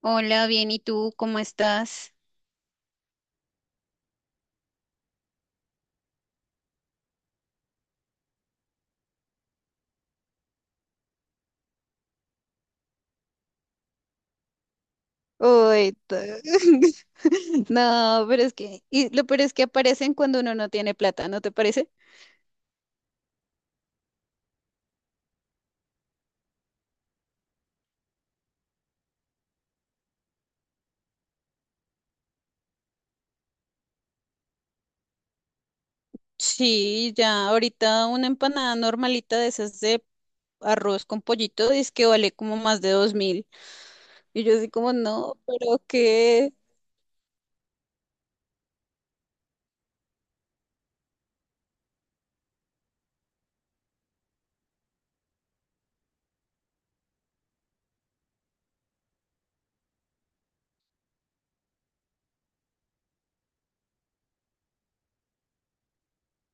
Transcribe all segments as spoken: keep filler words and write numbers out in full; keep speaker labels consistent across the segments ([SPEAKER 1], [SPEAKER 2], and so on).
[SPEAKER 1] Hola, bien, ¿y tú cómo estás? Uy, t- no, pero es que, y lo peor es que aparecen cuando uno no tiene plata, ¿no te parece? Sí, ya, ahorita una empanada normalita de esas de arroz con pollito dice que vale como más de dos mil. Y yo así como, no, pero qué,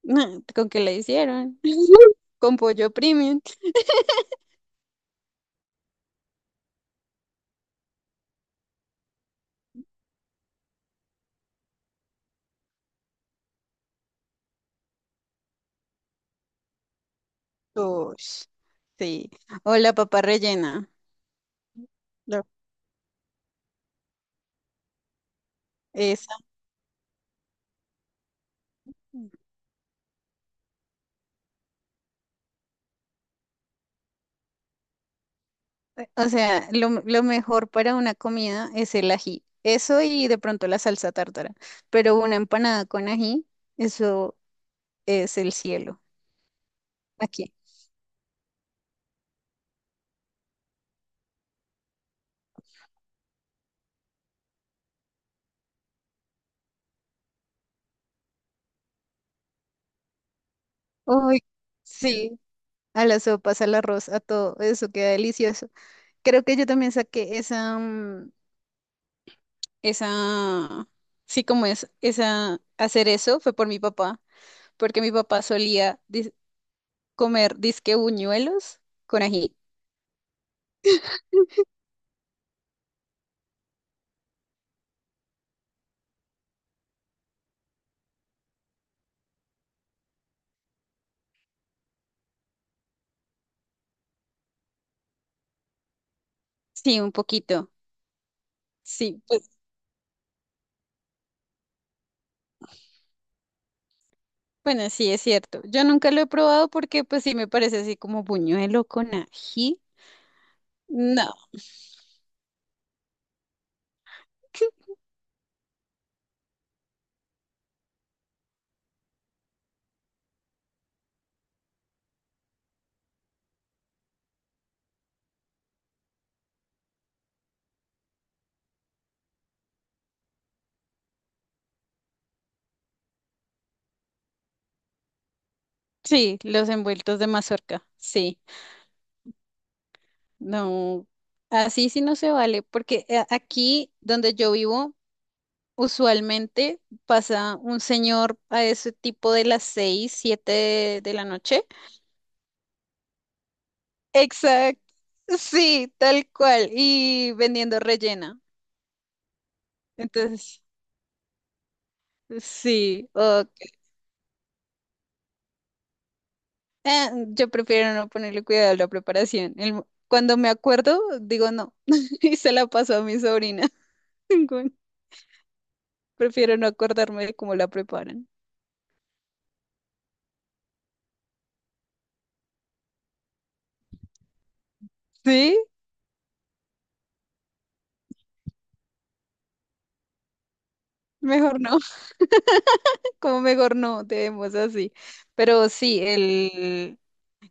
[SPEAKER 1] no, ¿con qué la hicieron? Con pollo premium. Ush, sí. O la papa rellena. No. Esa. O sea, lo, lo mejor para una comida es el ají. Eso y de pronto la salsa tártara. Pero una empanada con ají, eso es el cielo. Aquí. Uy, sí. A las sopas, al arroz, a todo. Eso queda delicioso. Creo que yo también saqué esa, mm, esa, sí, como es, esa, hacer eso fue por mi papá. Porque mi papá solía dis- comer disque buñuelos con ají. Sí, un poquito. Sí, pues. Bueno, sí, es cierto. Yo nunca lo he probado porque pues sí me parece así como buñuelo con ají. No. Sí, los envueltos de mazorca, sí. No, así sí no se vale, porque eh, aquí donde yo vivo, usualmente pasa un señor a ese tipo de las seis, siete de, de la noche. Exacto, sí, tal cual, y vendiendo rellena. Entonces, sí, ok. Eh, yo prefiero no ponerle cuidado a la preparación. El mo- cuando me acuerdo, digo no. Y se la paso a mi sobrina. Bueno, prefiero no acordarme de cómo la preparan. Sí, mejor no. Como mejor no, debemos así. Pero sí, el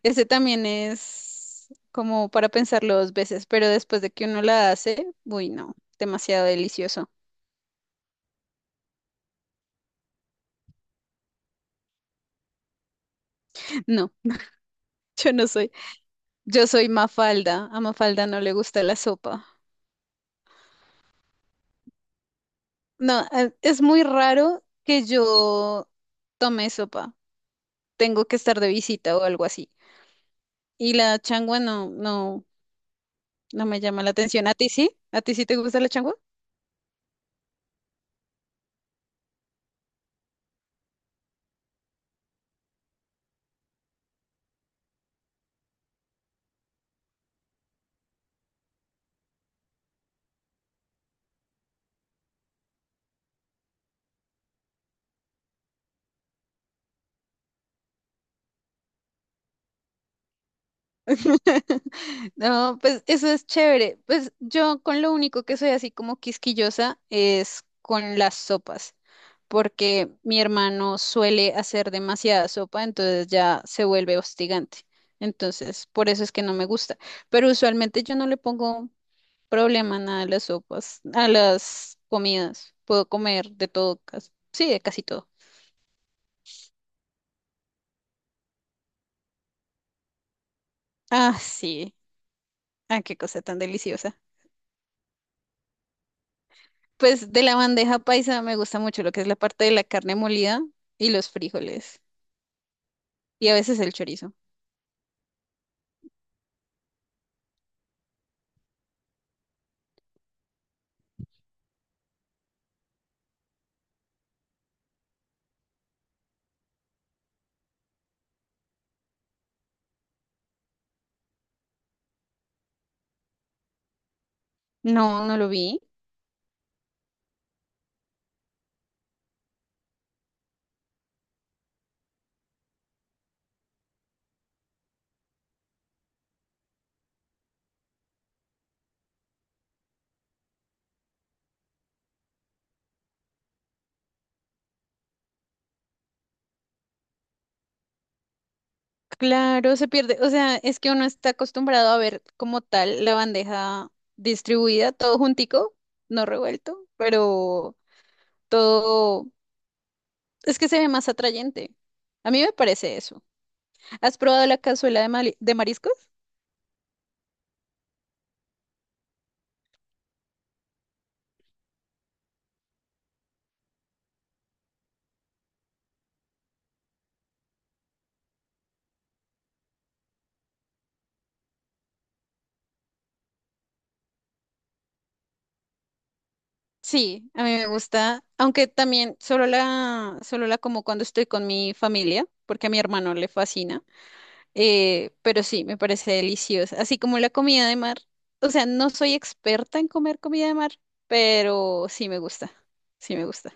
[SPEAKER 1] ese también es como para pensarlo dos veces, pero después de que uno la hace, uy, no, demasiado delicioso. No, yo no soy. Yo soy Mafalda. A Mafalda no le gusta la sopa. No, eh, es muy raro que yo tome sopa. Tengo que estar de visita o algo así. Y la changua no, no, no me llama la atención. ¿A ti sí? ¿A ti sí te gusta la changua? No, pues eso es chévere. Pues yo con lo único que soy así como quisquillosa es con las sopas, porque mi hermano suele hacer demasiada sopa, entonces ya se vuelve hostigante. Entonces, por eso es que no me gusta. Pero usualmente yo no le pongo problema a nada a las sopas, a las comidas. Puedo comer de todo, cas- sí, de casi todo. Ah, sí. Ah, qué cosa tan deliciosa. Pues de la bandeja paisa me gusta mucho lo que es la parte de la carne molida y los frijoles y a veces el chorizo. No, no lo vi. Claro, se pierde. O sea, es que uno está acostumbrado a ver como tal la bandeja distribuida, todo juntico, no revuelto, pero todo es que se ve más atrayente. A mí me parece eso. ¿Has probado la cazuela de, mali- de mariscos? Sí, a mí me gusta, aunque también solo la, solo la como cuando estoy con mi familia, porque a mi hermano le fascina, eh, pero sí, me parece deliciosa, así como la comida de mar. O sea, no soy experta en comer comida de mar, pero sí me gusta, sí me gusta.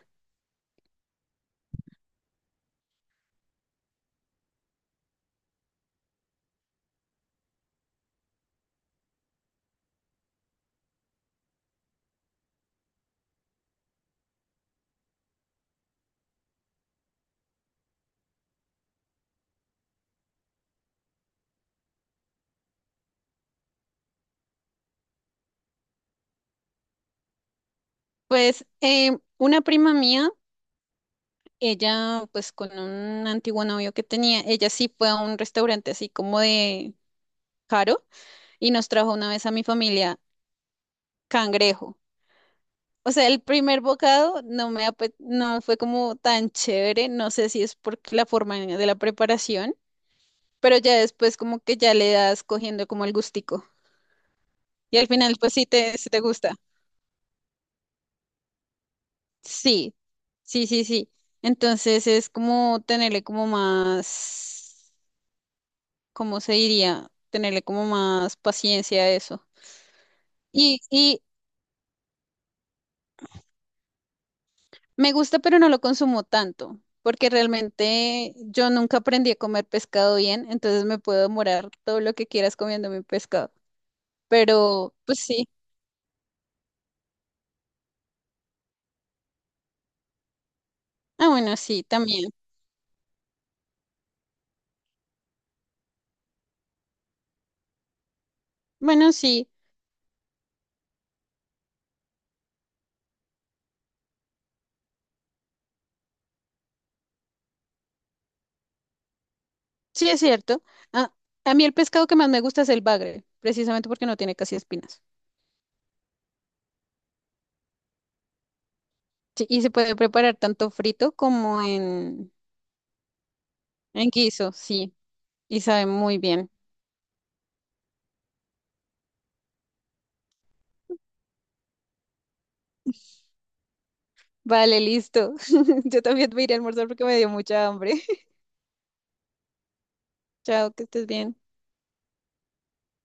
[SPEAKER 1] Pues eh, una prima mía, ella pues con un antiguo novio que tenía, ella sí fue a un restaurante así como de caro y nos trajo una vez a mi familia cangrejo. O sea, el primer bocado no me ape- no fue como tan chévere, no sé si es por la forma de la preparación, pero ya después como que ya le das cogiendo como el gustico. Y al final pues sí te, sí te gusta. Sí, sí, sí, sí. Entonces es como tenerle como más, ¿cómo se diría? Tenerle como más paciencia a eso. Y, y, Me gusta, pero no lo consumo tanto, porque realmente yo nunca aprendí a comer pescado bien, entonces me puedo demorar todo lo que quieras comiendo mi pescado. Pero, pues sí. Ah, bueno, sí, también. Bueno, sí, sí es cierto. Ah, a mí el pescado que más me gusta es el bagre, precisamente porque no tiene casi espinas. Sí, y se puede preparar tanto frito como en, en guiso, sí, y sabe muy bien. Vale, listo. Yo también me iré a almorzar porque me dio mucha hambre. Chao, que estés bien.